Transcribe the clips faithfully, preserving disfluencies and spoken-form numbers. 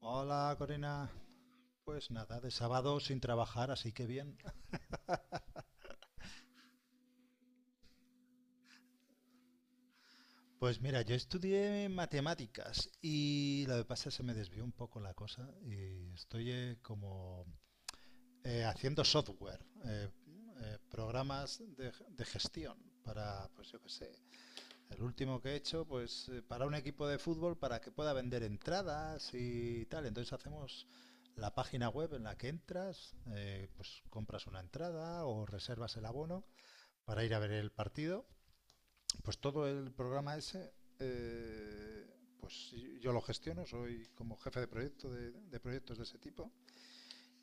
Hola, Corina. Pues nada, de sábado sin trabajar, así que bien. Pues mira, yo estudié matemáticas y lo que pasa es que se me desvió un poco la cosa y estoy eh, como eh, haciendo software, eh, eh, programas de, de gestión para, pues yo qué sé, el último que he hecho, pues eh, para un equipo de fútbol para que pueda vender entradas y tal. Entonces hacemos la página web en la que entras, eh, pues compras una entrada o reservas el abono para ir a ver el partido. Pues todo el programa ese, eh, pues sí, yo lo gestiono, soy como jefe de proyecto de, de proyectos de ese tipo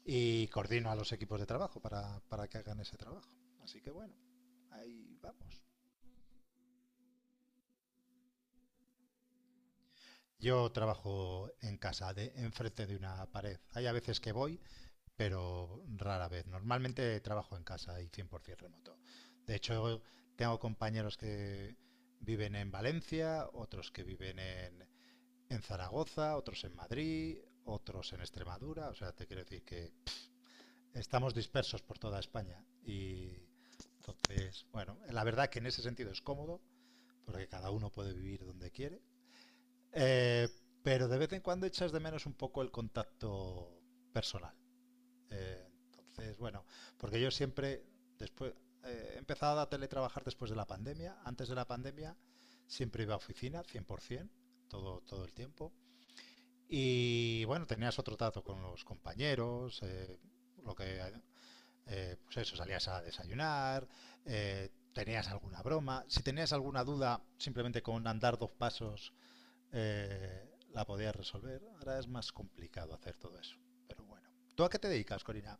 y coordino a los equipos de trabajo para, para que hagan ese trabajo. Así que bueno, ahí vamos. Yo trabajo en casa, de, enfrente de una pared. Hay a veces que voy, pero rara vez. Normalmente trabajo en casa y cien por cien remoto. De hecho, tengo compañeros que viven en Valencia, otros que viven en, en Zaragoza, otros en Madrid, otros en Extremadura. O sea, te quiero decir que estamos dispersos por toda España. Y entonces, bueno, la verdad que en ese sentido es cómodo, porque cada uno puede vivir donde quiere. Eh, pero de vez en cuando echas de menos un poco el contacto personal. Eh, entonces, bueno, porque yo siempre, después, eh, he empezado a teletrabajar después de la pandemia. Antes de la pandemia siempre iba a oficina, cien por cien, todo, todo el tiempo. Y bueno, tenías otro trato con los compañeros, eh, lo que, eh, pues eso, salías a desayunar, eh, tenías alguna broma. Si tenías alguna duda, simplemente con andar dos pasos eh, la podías resolver. Ahora es más complicado hacer todo eso. Pero bueno. ¿Tú a qué te dedicas, Corina?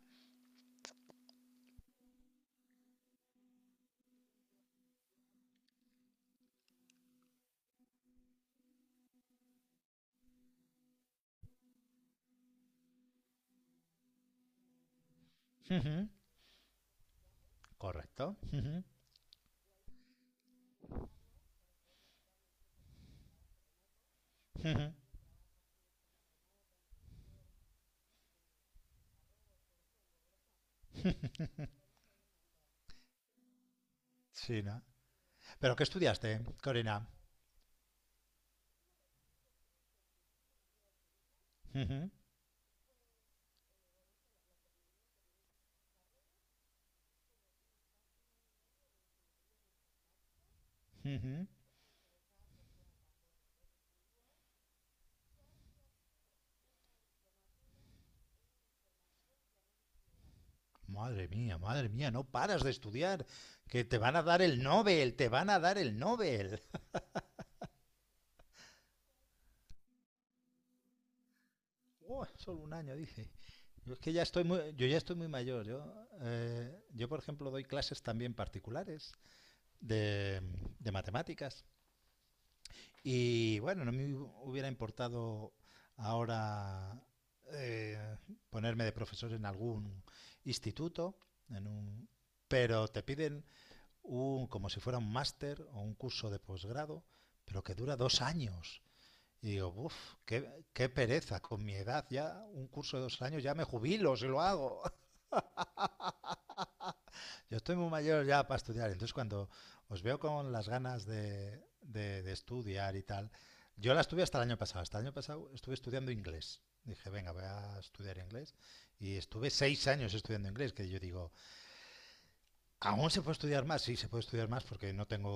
Ujú. Correcto. Ujú, ujú. Sí, ¿no? ¿Pero qué estudiaste, Corina? Ujú, ujú. Madre mía, madre mía, no paras de estudiar, que te van a dar el Nobel, te van a dar el Nobel. Uah, solo un año, dice. Yo es que ya estoy muy, yo ya estoy muy mayor. Yo, eh, yo, por ejemplo, doy clases también particulares de, de matemáticas. Y bueno, no me hubiera importado ahora eh, ponerme de profesor en algún instituto, en un, pero te piden un, como si fuera un máster o un curso de posgrado, pero que dura dos años. Y digo, uff, qué, qué pereza, con mi edad ya, un curso de dos años ya me jubilo si lo hago. Yo estoy muy mayor ya para estudiar, entonces cuando os veo con las ganas de, de, de estudiar y tal, yo la estuve hasta el año pasado, hasta el año pasado estuve estudiando inglés. Dije, venga, voy a estudiar inglés. Y estuve seis años estudiando inglés, que yo digo, aún se puede estudiar más, sí, se puede estudiar más porque no tengo,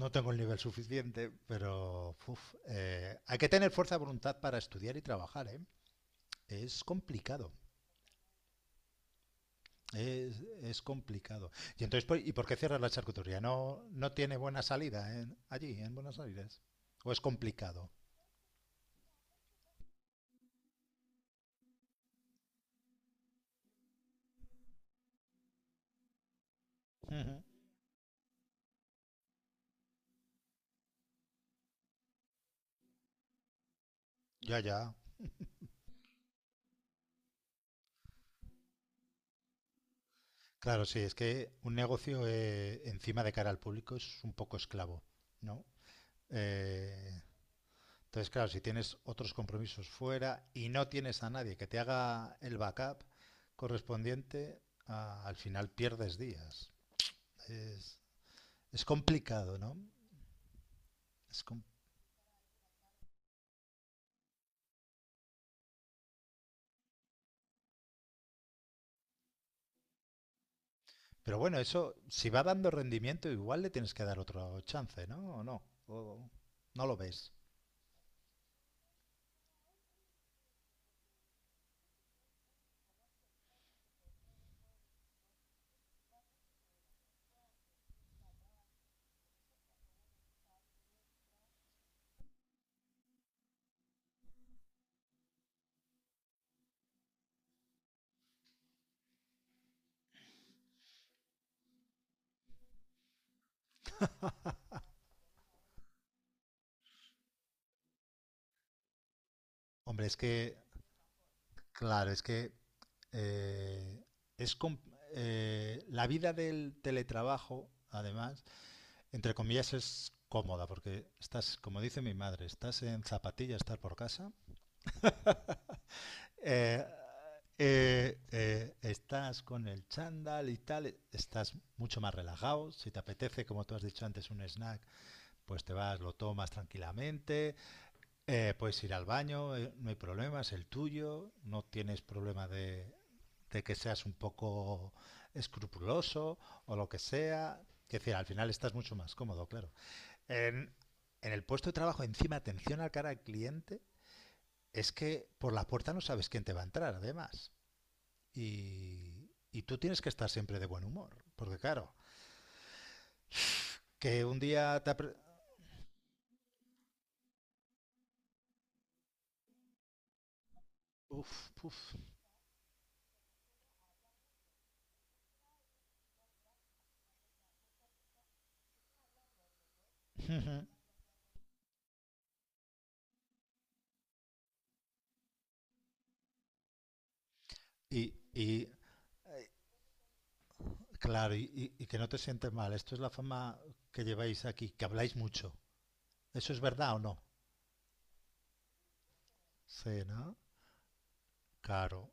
no tengo el nivel suficiente, pero uf, eh, hay que tener fuerza de voluntad para estudiar y trabajar, ¿eh? Es complicado, es, es complicado. Y entonces, pues, ¿y por qué cierras la charcutería? ¿No, no tiene buena salida en- allí, en Buenos Aires? ¿O es complicado? Ujú. Ya, ya. Claro, sí, es que un negocio eh, encima de cara al público es un poco esclavo, ¿no? Eh, Entonces, claro, si tienes otros compromisos fuera y no tienes a nadie que te haga el backup correspondiente, ah, al final pierdes días. Es, es complicado, ¿no? Es com- Pero bueno, eso, si va dando rendimiento, igual le tienes que dar otro chance, ¿no? ¿O no? ¿O no lo ves? Hombre, es que, claro, es que eh, es com- eh, la vida del teletrabajo, además, entre comillas, es cómoda, porque estás, como dice mi madre, estás en zapatillas, estás por casa, eh, eh, eh, estás con el chándal y tal, estás mucho más relajado, si te apetece, como tú has dicho antes, un snack, pues te vas, lo tomas tranquilamente, eh, puedes ir al baño, eh, no hay problema, es el tuyo, no tienes problema de, de que seas un poco escrupuloso o lo que sea, que decir, al final estás mucho más cómodo, claro. En, en el puesto de trabajo, encima, atención al cara al cliente, es que por la puerta no sabes quién te va a entrar, además. Y, y tú tienes que estar siempre de buen humor. Porque claro, que un día te... Uf, uf. Y, y claro, y, y- y que no te sientes mal. Esto es la fama que lleváis aquí, que habláis mucho. ¿Eso es verdad o no? Sí, ¿no? Claro.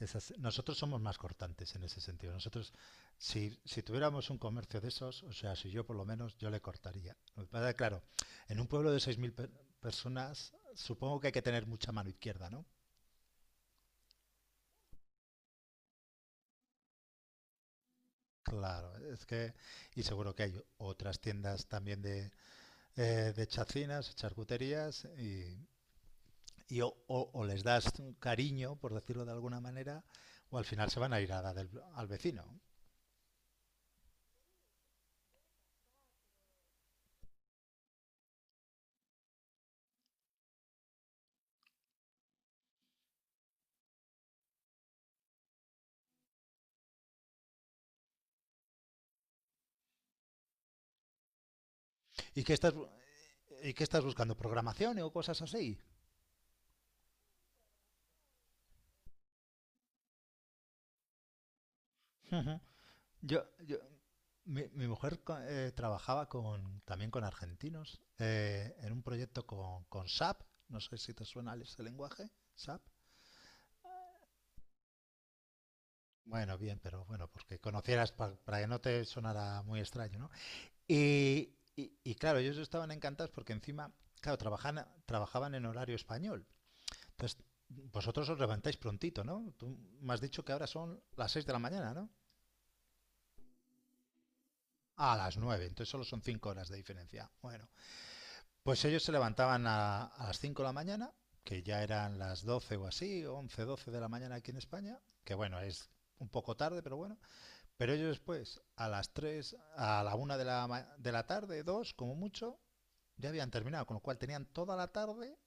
Esas, nosotros somos más cortantes en ese sentido. Nosotros, si, si, tuviéramos un comercio de esos, o sea, si yo por lo menos, yo le cortaría. Lo que pasa es que, claro, en un pueblo de seis mil pe personas, supongo que hay que tener mucha mano izquierda, ¿no? Claro, es que, y seguro que hay otras tiendas también de, eh, de chacinas, charcuterías, y, y o, o, o, les das un cariño, por decirlo de alguna manera, o al final se van a ir a dar el, al vecino. ¿Y qué estás, y qué estás buscando? ¿Programación o cosas así? Ujú. Yo, yo- mi, mi mujer co- eh, trabajaba con, también con argentinos eh, en un proyecto con, con S A P. No sé si te suena ese lenguaje, S A P. Bueno, bien, pero bueno, porque conocieras pa- para que no te sonara muy extraño, ¿no? Y, y- y claro, ellos estaban encantados porque encima, claro, trabajan, trabajaban en horario español. Entonces, vosotros os levantáis prontito, ¿no? Tú me has dicho que ahora son las seis de la mañana, ¿no? A las nueve. Entonces solo son cinco horas de diferencia. Bueno, pues ellos se levantaban a, a las cinco de la mañana, que ya eran las doce o así, once doce de la mañana aquí en España, que bueno, es un poco tarde, pero bueno. Pero ellos después, a las tres, a la una de la, ma- de la tarde, dos como mucho, ya habían terminado, con lo cual tenían toda la tarde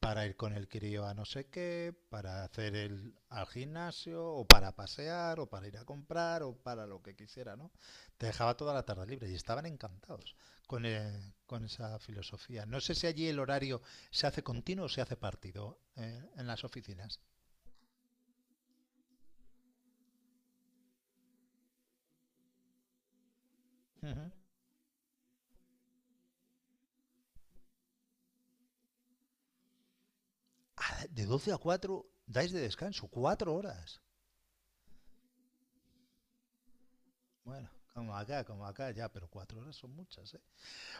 para ir con el crío a no sé qué, para hacer el al gimnasio, o para pasear, o para ir a comprar, o para lo que quisiera, ¿no? Te dejaba toda la tarde libre y estaban encantados con, eh, con esa filosofía. No sé si allí el horario se hace continuo o se hace partido eh, en las oficinas. Ujú. Ah, de doce a cuatro dais de descanso, cuatro horas. Bueno, como acá, como acá ya, pero cuatro horas son muchas, ¿eh?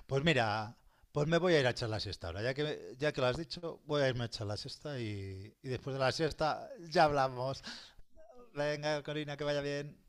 Pues mira, pues me voy a ir a echar la siesta ahora. Ya que, ya que lo has dicho, voy a irme a echar la siesta y, y después de la siesta ya hablamos. Venga, Corina, que vaya bien.